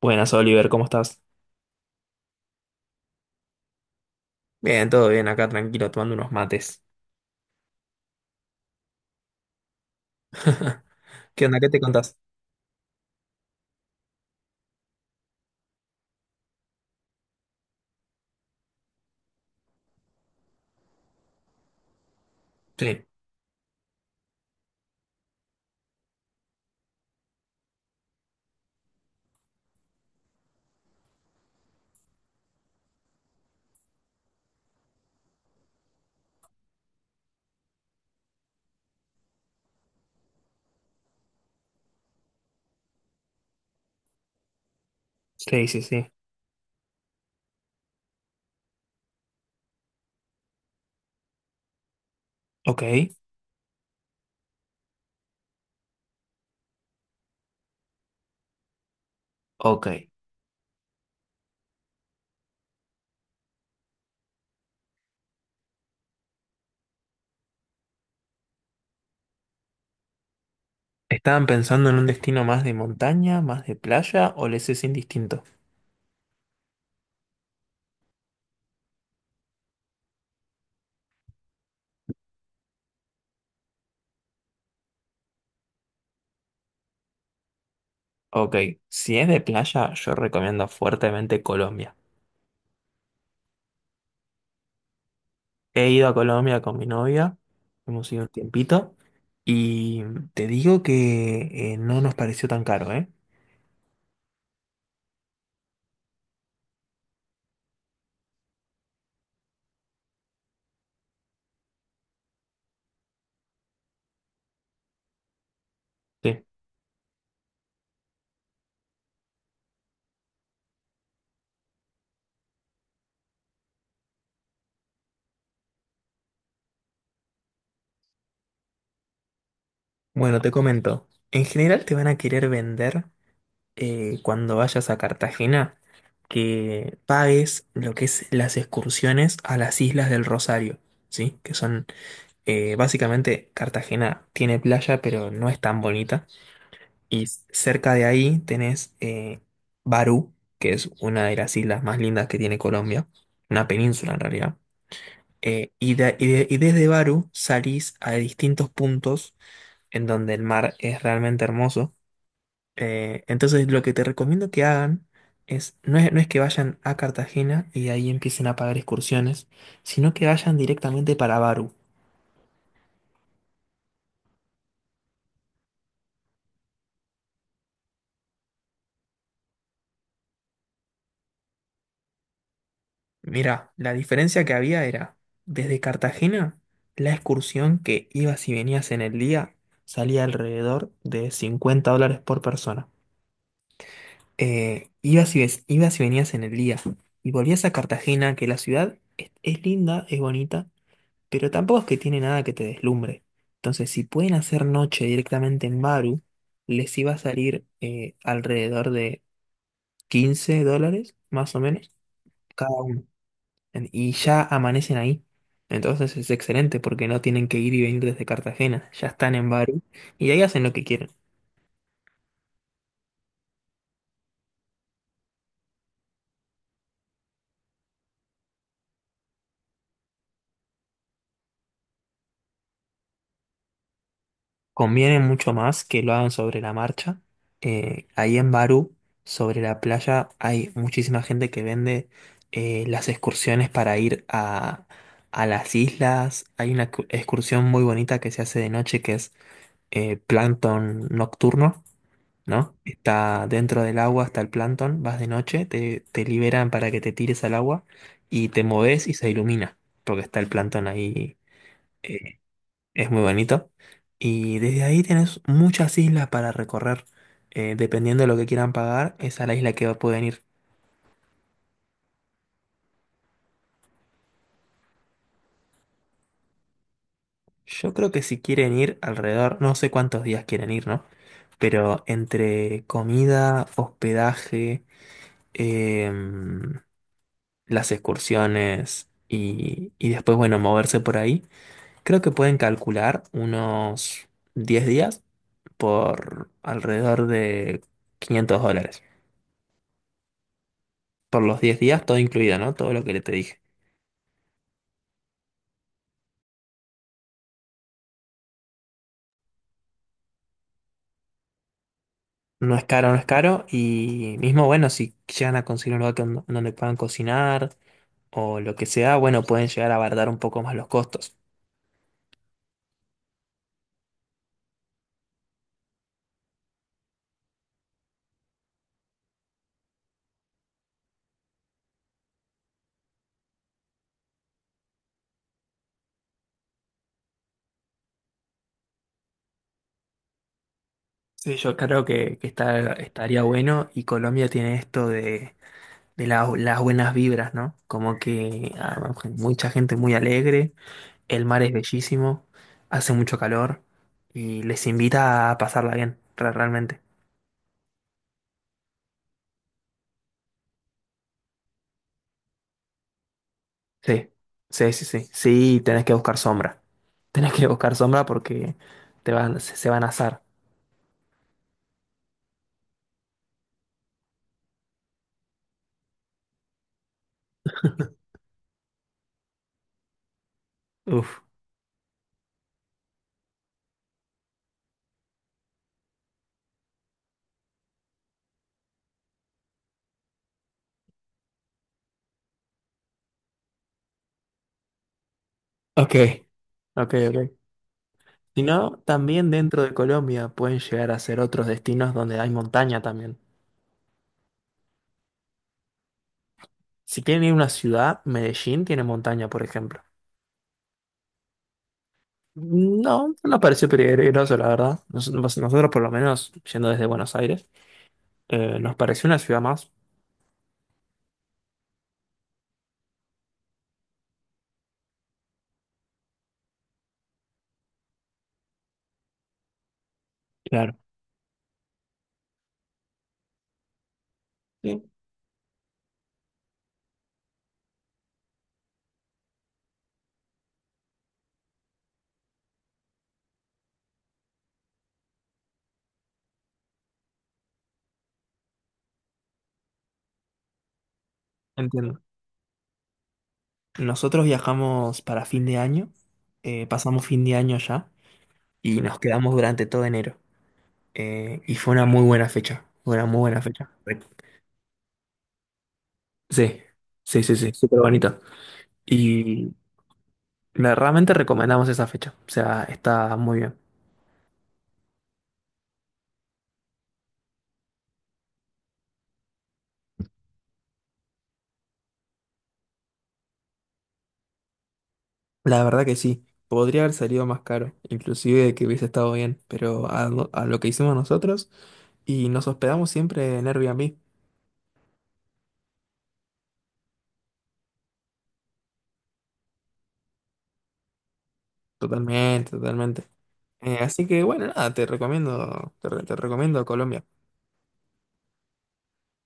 Buenas, Oliver, ¿cómo estás? Bien, todo bien, acá tranquilo, tomando unos mates. ¿Qué onda? ¿Qué te contás? Sí. Sí, sí, sí. Ok, ok. ¿Estaban pensando en un destino más de montaña, más de playa o les es indistinto? Ok, si es de playa, yo recomiendo fuertemente Colombia. He ido a Colombia con mi novia, hemos ido un tiempito, y te digo que no nos pareció tan caro, ¿eh? Sí. Bueno, te comento. En general te van a querer vender cuando vayas a Cartagena que pagues lo que es las excursiones a las Islas del Rosario, ¿sí? Que son, básicamente, Cartagena tiene playa, pero no es tan bonita. Y cerca de ahí tenés Barú, que es una de las islas más lindas que tiene Colombia, una península en realidad. Y, y desde Barú salís a distintos puntos en donde el mar es realmente hermoso. Entonces lo que te recomiendo que hagan es no es que vayan a Cartagena y de ahí empiecen a pagar excursiones, sino que vayan directamente para Baru. Mira, la diferencia que había era, desde Cartagena, la excursión que ibas y venías en el día salía alrededor de $50 por persona. Ibas y venías en el día y volvías a Cartagena, que la ciudad es linda, es bonita, pero tampoco es que tiene nada que te deslumbre. Entonces, si pueden hacer noche directamente en Baru, les iba a salir alrededor de $15, más o menos, cada uno. Y ya amanecen ahí. Entonces es excelente porque no tienen que ir y venir desde Cartagena. Ya están en Baru y ahí hacen lo que quieren. Conviene mucho más que lo hagan sobre la marcha. Ahí en Barú, sobre la playa, hay muchísima gente que vende las excursiones para ir a las islas. Hay una excursión muy bonita que se hace de noche que es plancton nocturno, ¿no? Está dentro del agua, está el plancton, vas de noche, te liberan para que te tires al agua y te moves y se ilumina, porque está el plancton ahí eh, es muy bonito. Y desde ahí tenés muchas islas para recorrer. Dependiendo de lo que quieran pagar, es a la isla que pueden ir. Yo creo que si quieren ir alrededor, no sé cuántos días quieren ir, ¿no? Pero entre comida, hospedaje, em, las excursiones y después, bueno, moverse por ahí, creo que pueden calcular unos 10 días por alrededor de 500 dólares. Por los 10 días, todo incluido, ¿no? Todo lo que le te dije. No es caro, no es caro. Y mismo, bueno, si llegan a conseguir un lugar donde puedan cocinar o lo que sea, bueno, pueden llegar a abaratar un poco más los costos. Sí, yo creo que está, estaría bueno y Colombia tiene esto de, las buenas vibras, ¿no? Como que ah, mucha gente muy alegre, el mar es bellísimo, hace mucho calor y les invita a pasarla bien, realmente. Sí, sí, sí, sí. Sí, tenés que buscar sombra. Tenés que buscar sombra porque se van a asar. Uf. Ok, ok, ok. Si no, también dentro de Colombia pueden llegar a ser otros destinos donde hay montaña también. Si quieren ir a una ciudad, Medellín tiene montaña, por ejemplo. No, no nos pareció peligroso, la verdad. Nosotros, por lo menos, yendo desde Buenos Aires, nos pareció una ciudad más. Claro. Sí, entiendo. Nosotros viajamos para fin de año, pasamos fin de año allá y nos quedamos durante todo enero. Y fue una muy buena fecha, fue una muy buena fecha. Re- Sí, sí, sí, sí, súper bonito. Y realmente recomendamos esa fecha, o sea, está muy bien. La verdad que sí, podría haber salido más caro, inclusive que hubiese estado bien, pero a lo que hicimos nosotros y nos hospedamos siempre en Airbnb, totalmente, totalmente. Así que bueno, nada, te recomiendo, te recomiendo Colombia.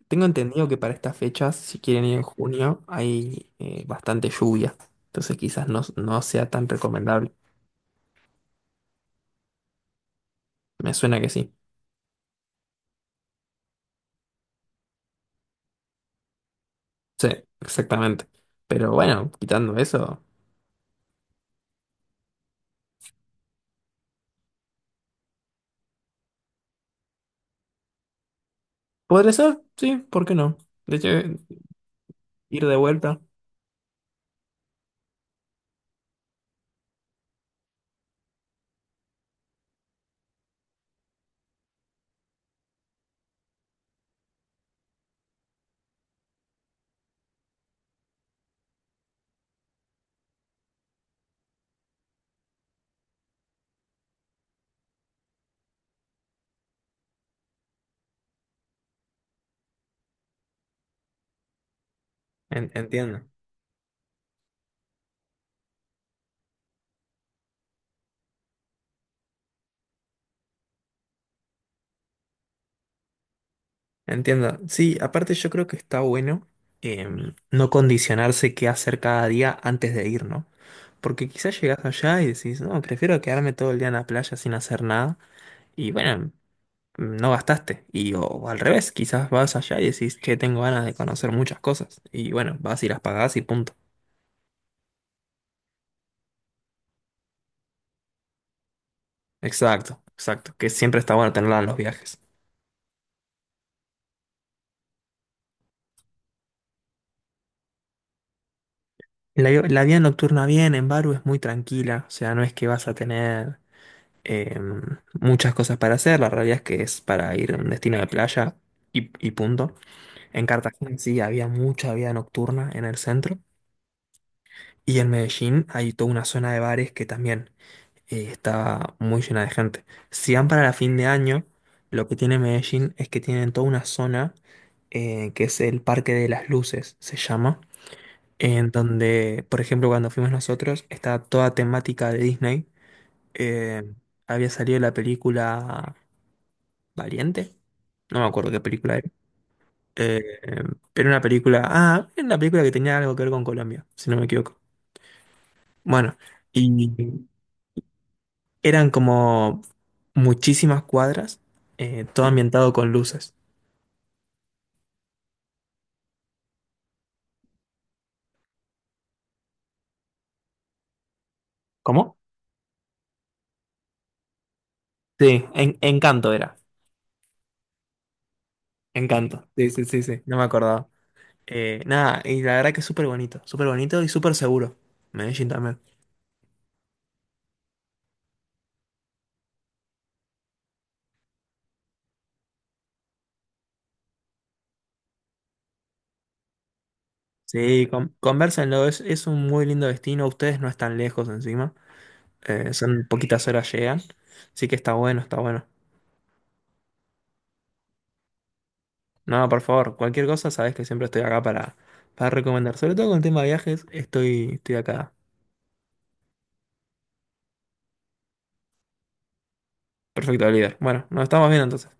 Tengo entendido que para estas fechas, si quieren ir en junio, hay bastante lluvia. Entonces quizás no sea tan recomendable. Me suena que sí. Sí, exactamente. Pero bueno, quitando eso, podría ser, sí, ¿por qué no? De hecho, ir de vuelta. En- entiendo, Entiendo. Sí, aparte yo creo que está bueno no condicionarse qué hacer cada día antes de ir, ¿no? Porque quizás llegás allá y decís, no, prefiero quedarme todo el día en la playa sin hacer nada. Y bueno, no gastaste. Y o al revés, quizás vas allá y decís, che, tengo ganas de conocer muchas cosas. Y bueno, vas y las pagás y punto. Exacto, exacto. Que siempre está bueno tenerla en los viajes. La vida nocturna bien en Baru es muy tranquila, o sea, no es que vas a tener eh, muchas cosas para hacer, la realidad es que es para ir a un destino de playa y punto. En Cartagena sí había mucha vida nocturna en el centro y en Medellín hay toda una zona de bares que también y estaba muy llena de gente. Si van para la fin de año, lo que tiene Medellín es que tienen toda una zona que es el Parque de las Luces, se llama, en donde, por ejemplo, cuando fuimos nosotros, estaba toda temática de Disney. Eh, había salido la película Valiente, no me acuerdo qué película era. Eh, pero una película, ah, era una película que tenía algo que ver con Colombia, si no me equivoco. Bueno, y eran como muchísimas cuadras, todo ambientado con luces. ¿Cómo? Sí, en, Encanto era. Encanto. Sí, sí, sí, sí. No me acordaba. Nada, y la verdad que es súper bonito. Súper bonito y súper seguro. Medellín también. Sí, con, convérsenlo. Es un muy lindo destino. Ustedes no están lejos encima. Son poquitas horas llegan. Así que está bueno, está bueno. No, por favor, cualquier cosa, sabes que siempre estoy acá para recomendar. Sobre todo con el tema de viajes, estoy, estoy acá. Perfecto, líder. Bueno, nos estamos viendo entonces.